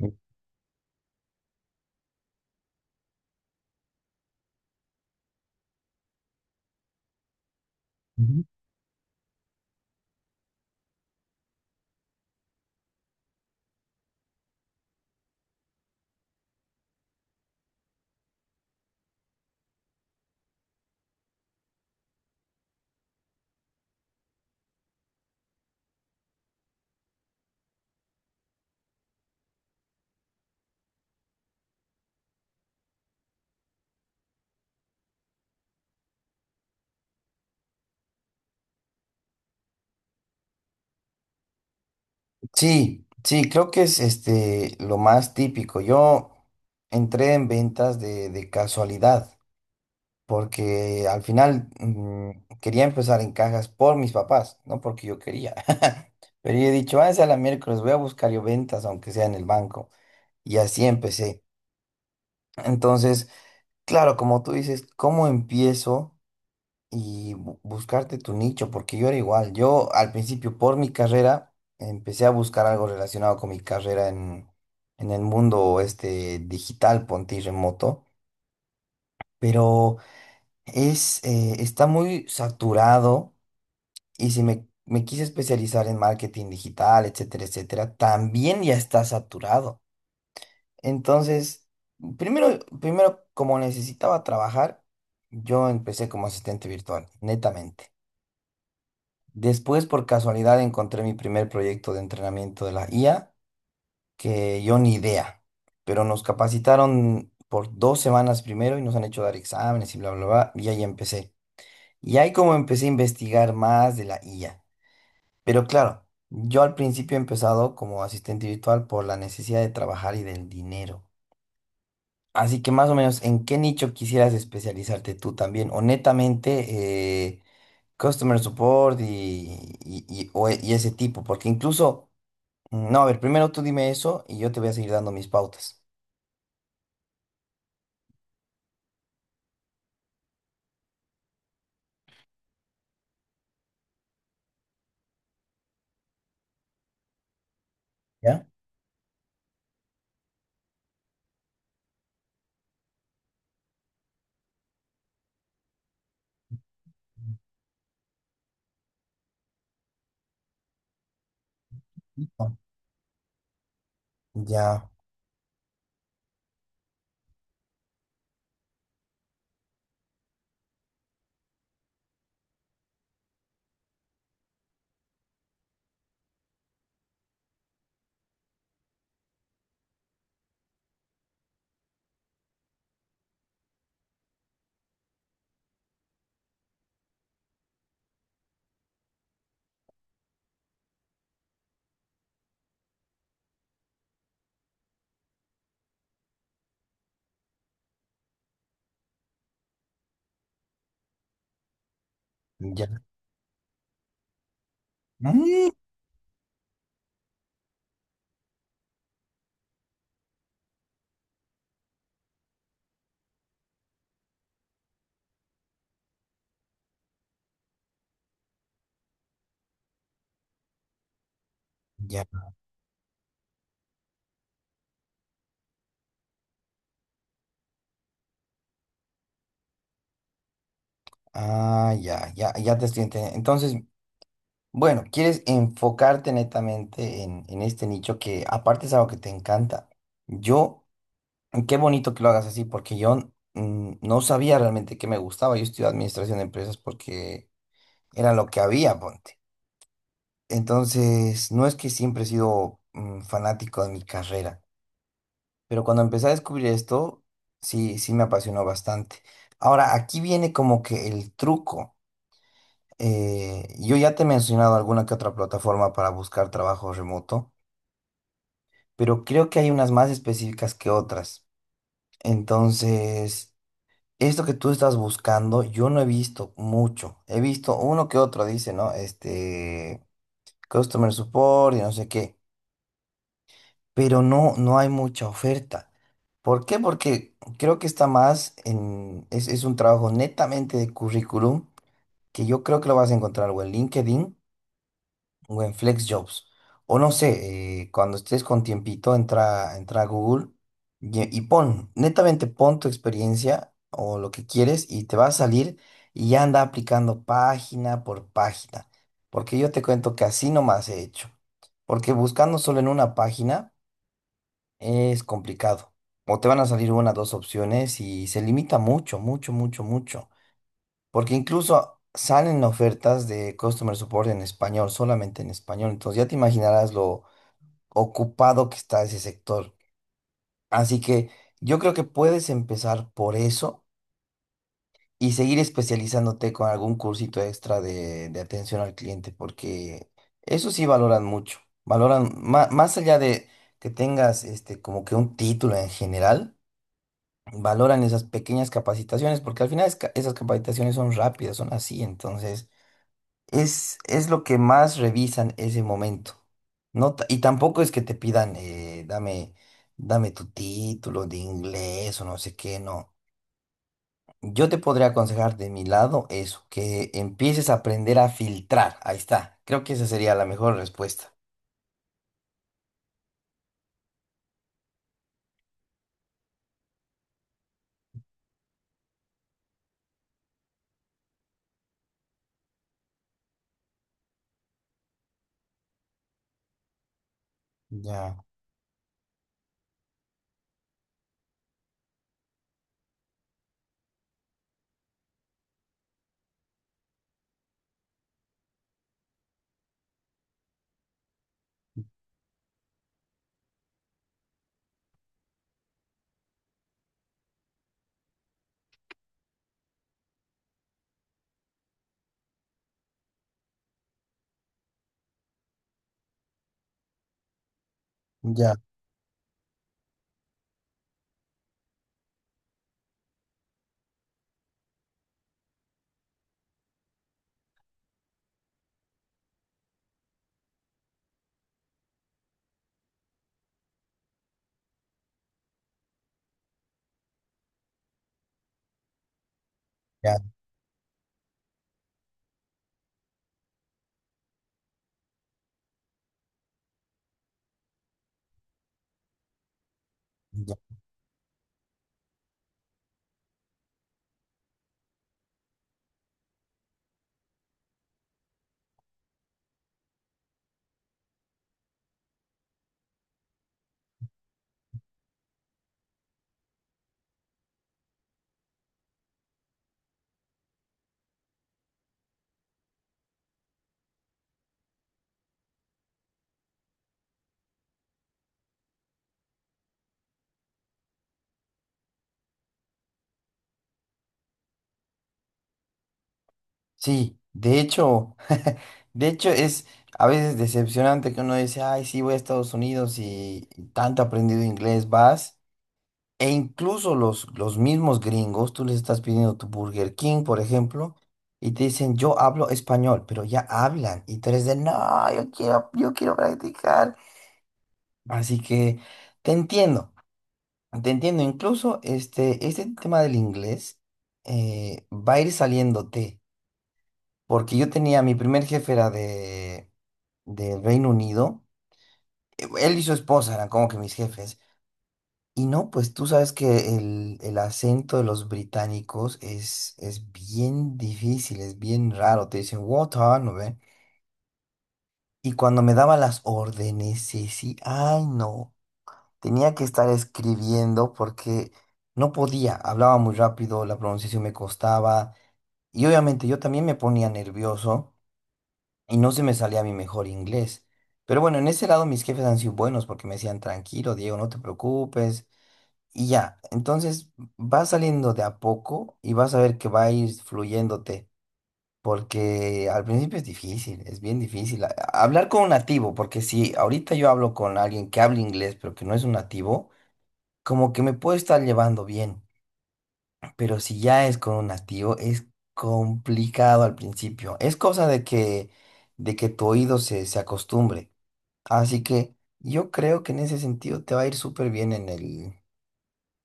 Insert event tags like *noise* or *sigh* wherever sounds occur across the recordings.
Ujú. Sí, sí, creo que es este lo más típico. Yo entré en ventas de casualidad, porque al final quería empezar en cajas por mis papás, no porque yo quería. *laughs* Pero yo he dicho, ah, es a la miércoles, voy a buscar yo ventas, aunque sea en el banco. Y así empecé. Entonces, claro, como tú dices, ¿cómo empiezo? Y buscarte tu nicho, porque yo era igual. Yo al principio por mi carrera empecé a buscar algo relacionado con mi carrera en el mundo este digital, ponte y remoto, pero está muy saturado y si me, me quise especializar en marketing digital, etcétera, etcétera, también ya está saturado. Entonces, primero, primero como necesitaba trabajar, yo empecé como asistente virtual, netamente. Después, por casualidad, encontré mi primer proyecto de entrenamiento de la IA, que yo ni idea, pero nos capacitaron por dos semanas primero y nos han hecho dar exámenes y bla, bla, bla, y ahí empecé. Y ahí como empecé a investigar más de la IA. Pero claro, yo al principio he empezado como asistente virtual por la necesidad de trabajar y del dinero. Así que más o menos, ¿en qué nicho quisieras especializarte tú también? Honestamente, customer support y ese tipo, porque incluso, no, a ver, primero tú dime eso y yo te voy a seguir dando mis pautas. ¿Ya? Listo. Ya, ya. Mm. Ya. Ah, ya, ya, ya te estoy entendiendo. Entonces, bueno, quieres enfocarte netamente en este nicho que aparte es algo que te encanta. Yo, qué bonito que lo hagas así, porque yo no sabía realmente qué me gustaba. Yo estudié administración de empresas porque era lo que había, ponte. Entonces, no es que siempre he sido fanático de mi carrera, pero cuando empecé a descubrir esto, sí, sí me apasionó bastante. Ahora, aquí viene como que el truco. Yo ya te he mencionado alguna que otra plataforma para buscar trabajo remoto, pero creo que hay unas más específicas que otras. Entonces, esto que tú estás buscando, yo no he visto mucho. He visto uno que otro, dice, ¿no? Este, customer support y no sé qué, pero no, no hay mucha oferta. ¿Por qué? Porque creo que está más en, es un trabajo netamente de currículum que yo creo que lo vas a encontrar o en LinkedIn o en FlexJobs. O no sé, cuando estés con tiempito, entra, entra a Google y pon, netamente pon tu experiencia o lo que quieres y te va a salir y ya anda aplicando página por página. Porque yo te cuento que así nomás he hecho, porque buscando solo en una página es complicado. O te van a salir una, dos opciones y se limita mucho, mucho, mucho, mucho. Porque incluso salen ofertas de customer support en español, solamente en español. Entonces ya te imaginarás lo ocupado que está ese sector. Así que yo creo que puedes empezar por eso y seguir especializándote con algún cursito extra de atención al cliente, porque eso sí valoran mucho. Valoran más allá de que tengas este como que un título en general, valoran esas pequeñas capacitaciones, porque al final esas capacitaciones son rápidas, son así, entonces es lo que más revisan ese momento. No, y tampoco es que te pidan, dame, dame tu título de inglés o no sé qué, no. Yo te podría aconsejar de mi lado eso, que empieces a aprender a filtrar, ahí está. Creo que esa sería la mejor respuesta. Ya, ya, ya, ya. Sí, de hecho, *laughs* de hecho es a veces decepcionante que uno dice, ay, sí, voy a Estados Unidos y, tanto he aprendido inglés, vas. E incluso los mismos gringos, tú les estás pidiendo tu Burger King, por ejemplo, y te dicen, yo hablo español, pero ya hablan. Y tú eres de, no, yo quiero practicar. Así que te entiendo, te entiendo. Incluso este, este tema del inglés va a ir saliéndote. Porque yo tenía, mi primer jefe era de, del Reino Unido. Él y su esposa eran como que mis jefes. Y no, pues tú sabes que el acento de los británicos es bien difícil, es bien raro. Te dicen, water, ¿no ve? Y cuando me daba las órdenes, sí, sí, ay, no. Tenía que estar escribiendo porque no podía. Hablaba muy rápido, la pronunciación me costaba. Y obviamente yo también me ponía nervioso y no se me salía mi mejor inglés. Pero bueno, en ese lado mis jefes han sido buenos porque me decían, tranquilo, Diego, no te preocupes. Y ya, entonces va saliendo de a poco y vas a ver que va a ir fluyéndote, porque al principio es difícil, es bien difícil. Hablar con un nativo, porque si ahorita yo hablo con alguien que habla inglés, pero que no es un nativo, como que me puedo estar llevando bien, pero si ya es con un nativo, es complicado al principio. Es cosa de que tu oído se acostumbre. Así que yo creo que en ese sentido te va a ir súper bien en el,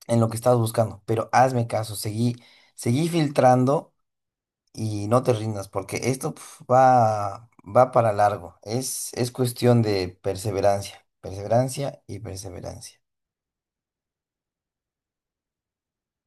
en lo que estás buscando, pero hazme caso, seguí, seguí filtrando y no te rindas, porque esto pf, va, va para largo. Es cuestión de perseverancia, perseverancia y perseverancia.